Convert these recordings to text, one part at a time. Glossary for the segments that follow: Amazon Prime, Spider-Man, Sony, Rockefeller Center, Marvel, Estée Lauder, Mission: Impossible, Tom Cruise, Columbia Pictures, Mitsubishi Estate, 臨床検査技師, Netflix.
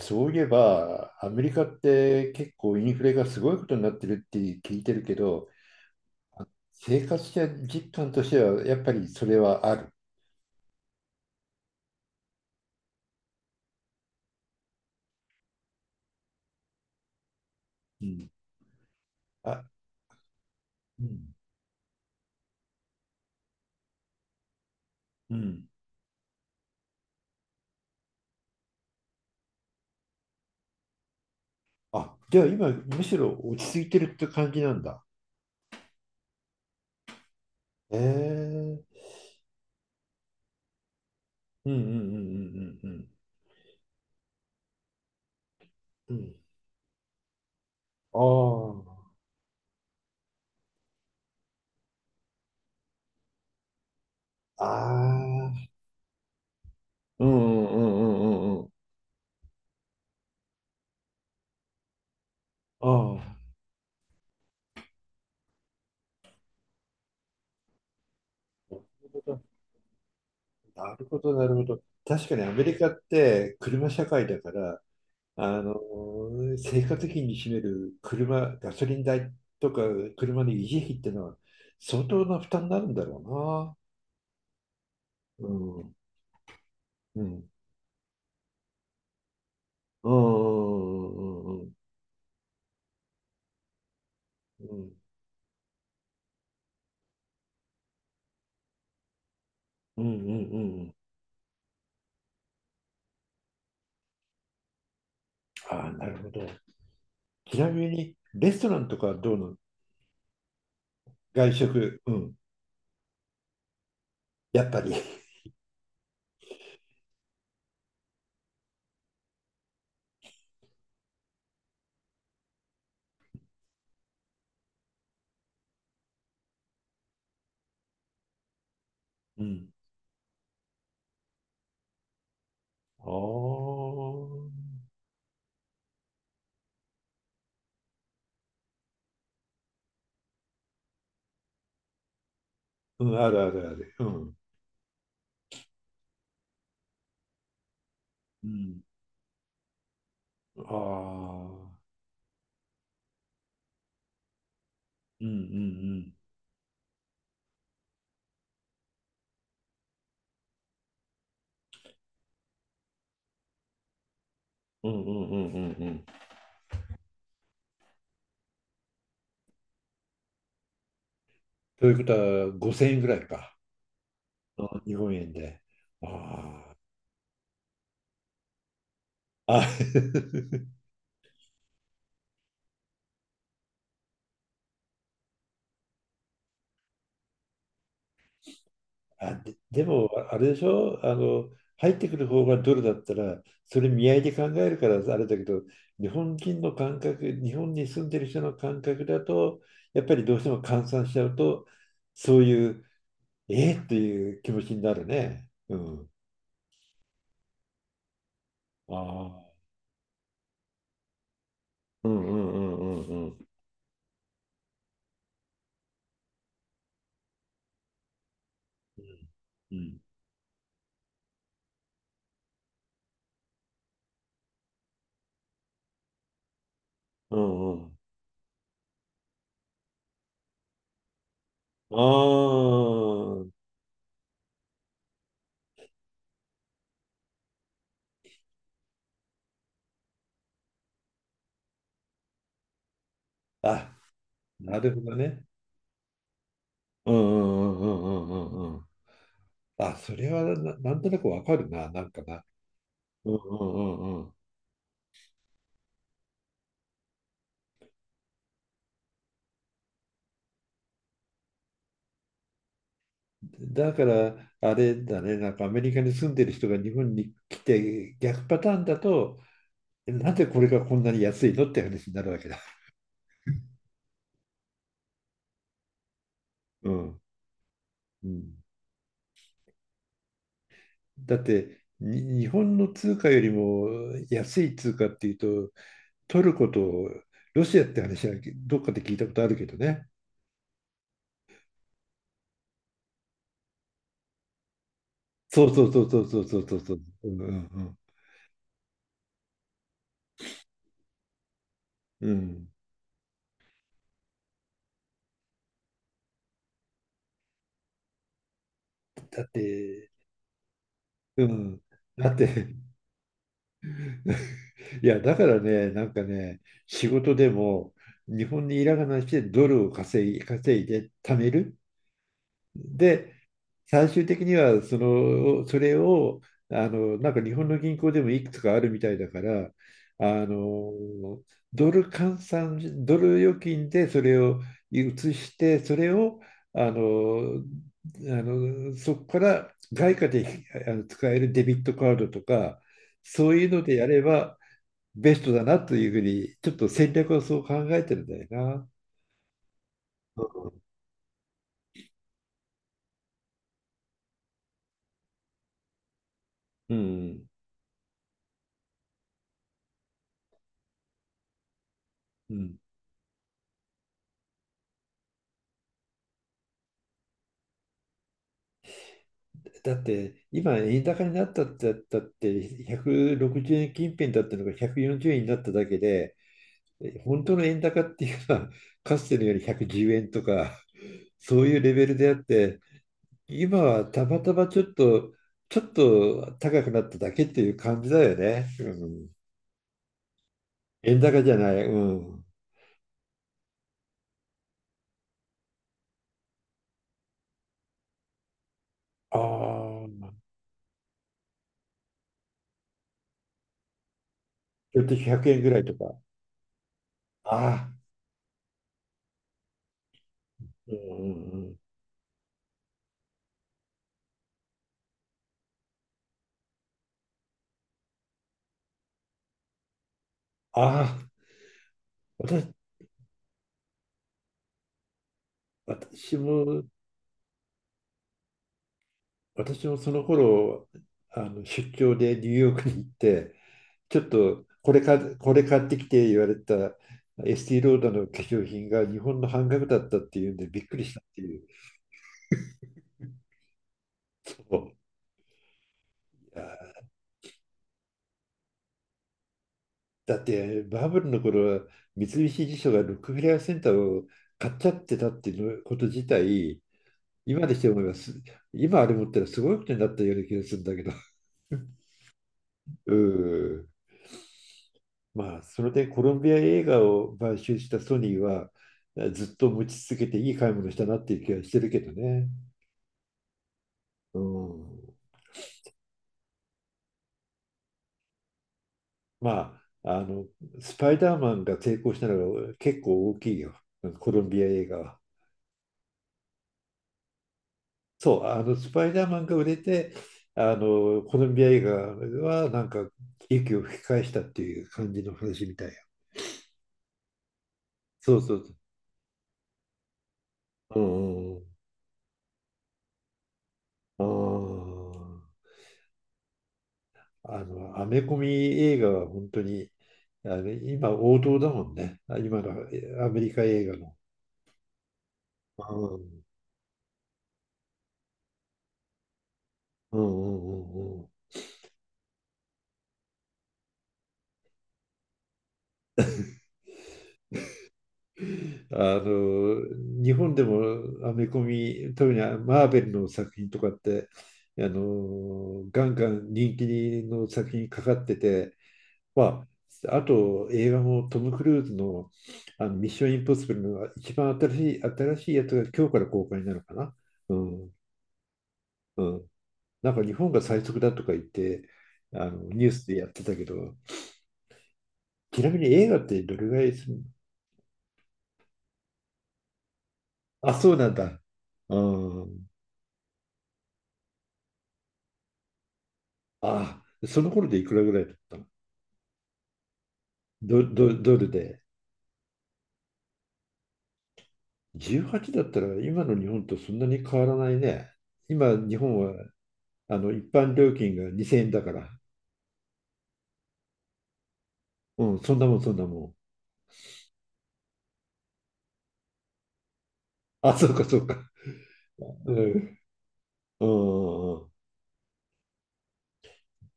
そういえば、アメリカって結構インフレがすごいことになってるって聞いてるけど、生活実感としてはやっぱりそれはある。うん。あ、うん。うん。あ、じゃあ今、むしろ落ち着いてるって感じなんだ。ええうんうんうんうんうんうん。うん。ああ。ああ。うんうんうんうんうんうん。ああ。なるほど、なるほど。確かにアメリカって車社会だから、あの生活費に占める車、ガソリン代とか車の維持費っていうのは相当な負担になるんだろうな。うん。うん。うん。うん。うん。うん。うんうんうん。ああ、なるほど。ちなみに、レストランとかはどうなの？外食。うん。やっぱり。うん。ああ。うん。あるあるある。うん。うん。ああ。うんうんうん。うんうんうんうんうん。ということは、5000円ぐらいか。あ、日本円で。ああ。あ あ、で、でも、あれでしょ、入ってくる方がドルだったら、それ見合いで考えるからあれだけど、日本人の感覚、日本に住んでる人の感覚だと、やっぱりどうしても換算しちゃうと、そういう、えー、っていう気持ちになるね。うん。ああ。うんうんうんうんうん。うんうんうんうん。ああ。あ、なるほどね。うんうんうんうんうんうんうん。あ、それはな、なんとなくわかるな、なんかな。うんうんうんうん。だから、あれだね、なんかアメリカに住んでる人が日本に来て逆パターンだと、えなんでこれがこんなに安いのって話になるわけだ。うん。うん、だってに日本の通貨よりも安い通貨っていうと、トルコとロシアって話はどっかで聞いたことあるけどね。そうそうそうそうそうそうそうそう。うんうんうん。うん、だって、うん、だって いや、だからね、なんかね、仕事でも日本にいらがなしてドルを稼いで貯める。で、最終的にはその、それを、なんか日本の銀行でもいくつかあるみたいだから、あの、ドル換算、ドル預金でそれを移して、それを、あの、そこから外貨で使えるデビットカードとか、そういうのでやれば、ベストだなというふうに、ちょっと戦略をそう考えてるんだよな。うん。うん、だって、今、円高になったってだって160円近辺だったのが140円になっただけで、本当の円高っていうのは、かつてのより110円とか、そういうレベルであって、今はたまたまちょっと高くなっただけっていう感じだよね。うん、円高じゃない。うん、ああ、ちょっと100円ぐらいとか。ああ。うんうんうん、ああ、私、私も、私もその頃、あの出張でニューヨークに行って、ちょっとこれ買ってきて言われたエスティローダーの化粧品が日本の半額だったっていうんでびっくりしたっていう。そういやだってバブルの頃は三菱地所がロックフェラーセンターを買っちゃってたっていうこと自体、今でして思います。今あれ持ったらすごいことになったような気がするんだけど。うん、まあ、それでコロンビア映画を買収したソニーは、ずっと持ち続けていい買い物したなっていう気はしてるけどね。うん。まあ、スパイダーマンが成功したのが結構大きいよ、コロンビア映画は。そう、スパイダーマンが売れて、コロンビア映画はなんか息を吹き返したっていう感じの話みたいよ。そうそうそう。うんうんうん。あーアメコミ映画は本当に、今王道だもんね、今のアメリカ映画の。うん、うん、うん、うん。うん。日本でもアメコミ、特にマーベルの作品とかって、ガンガン人気の作品かかってて、まあ、あと映画もトム・クルーズの、あのミッション・インポッシブルの一番新しいやつが今日から公開になるかな。うん、うん。なんか日本が最速だとか言って、あのニュースでやってたけど、ちなみに映画ってどれぐらいするの？あ、そうなんだ。うん。あ、その頃でいくらぐらいだったの？ドルで。18だったら今の日本とそんなに変わらないね。今、日本は一般料金が2000円だから。うん、そんなもん、そんなもん。あ、そうか、そうか。うん。うん。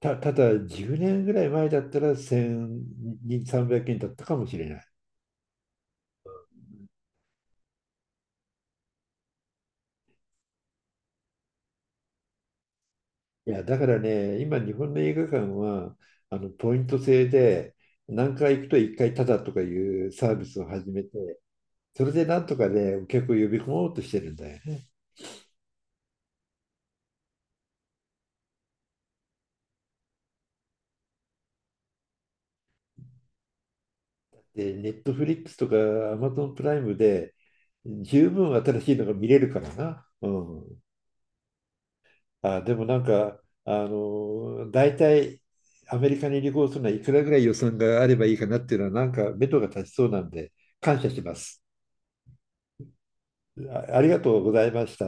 ただ、10年ぐらい前だったら1200、300円だったかもしれない。いや、だからね、今、日本の映画館は、ポイント制で、何回行くと1回タダとかいうサービスを始めて、それでなんとかね、お客を呼び込もうとしてるんだよね。で、ネットフリックスとかアマゾンプライムで、十分新しいのが見れるからな。うん。あ、でもなんか、大体、アメリカに旅行するのはいくらぐらい予算があればいいかなっていうのは、なんか目処が立ちそうなんで、感謝します。あ、ありがとうございました。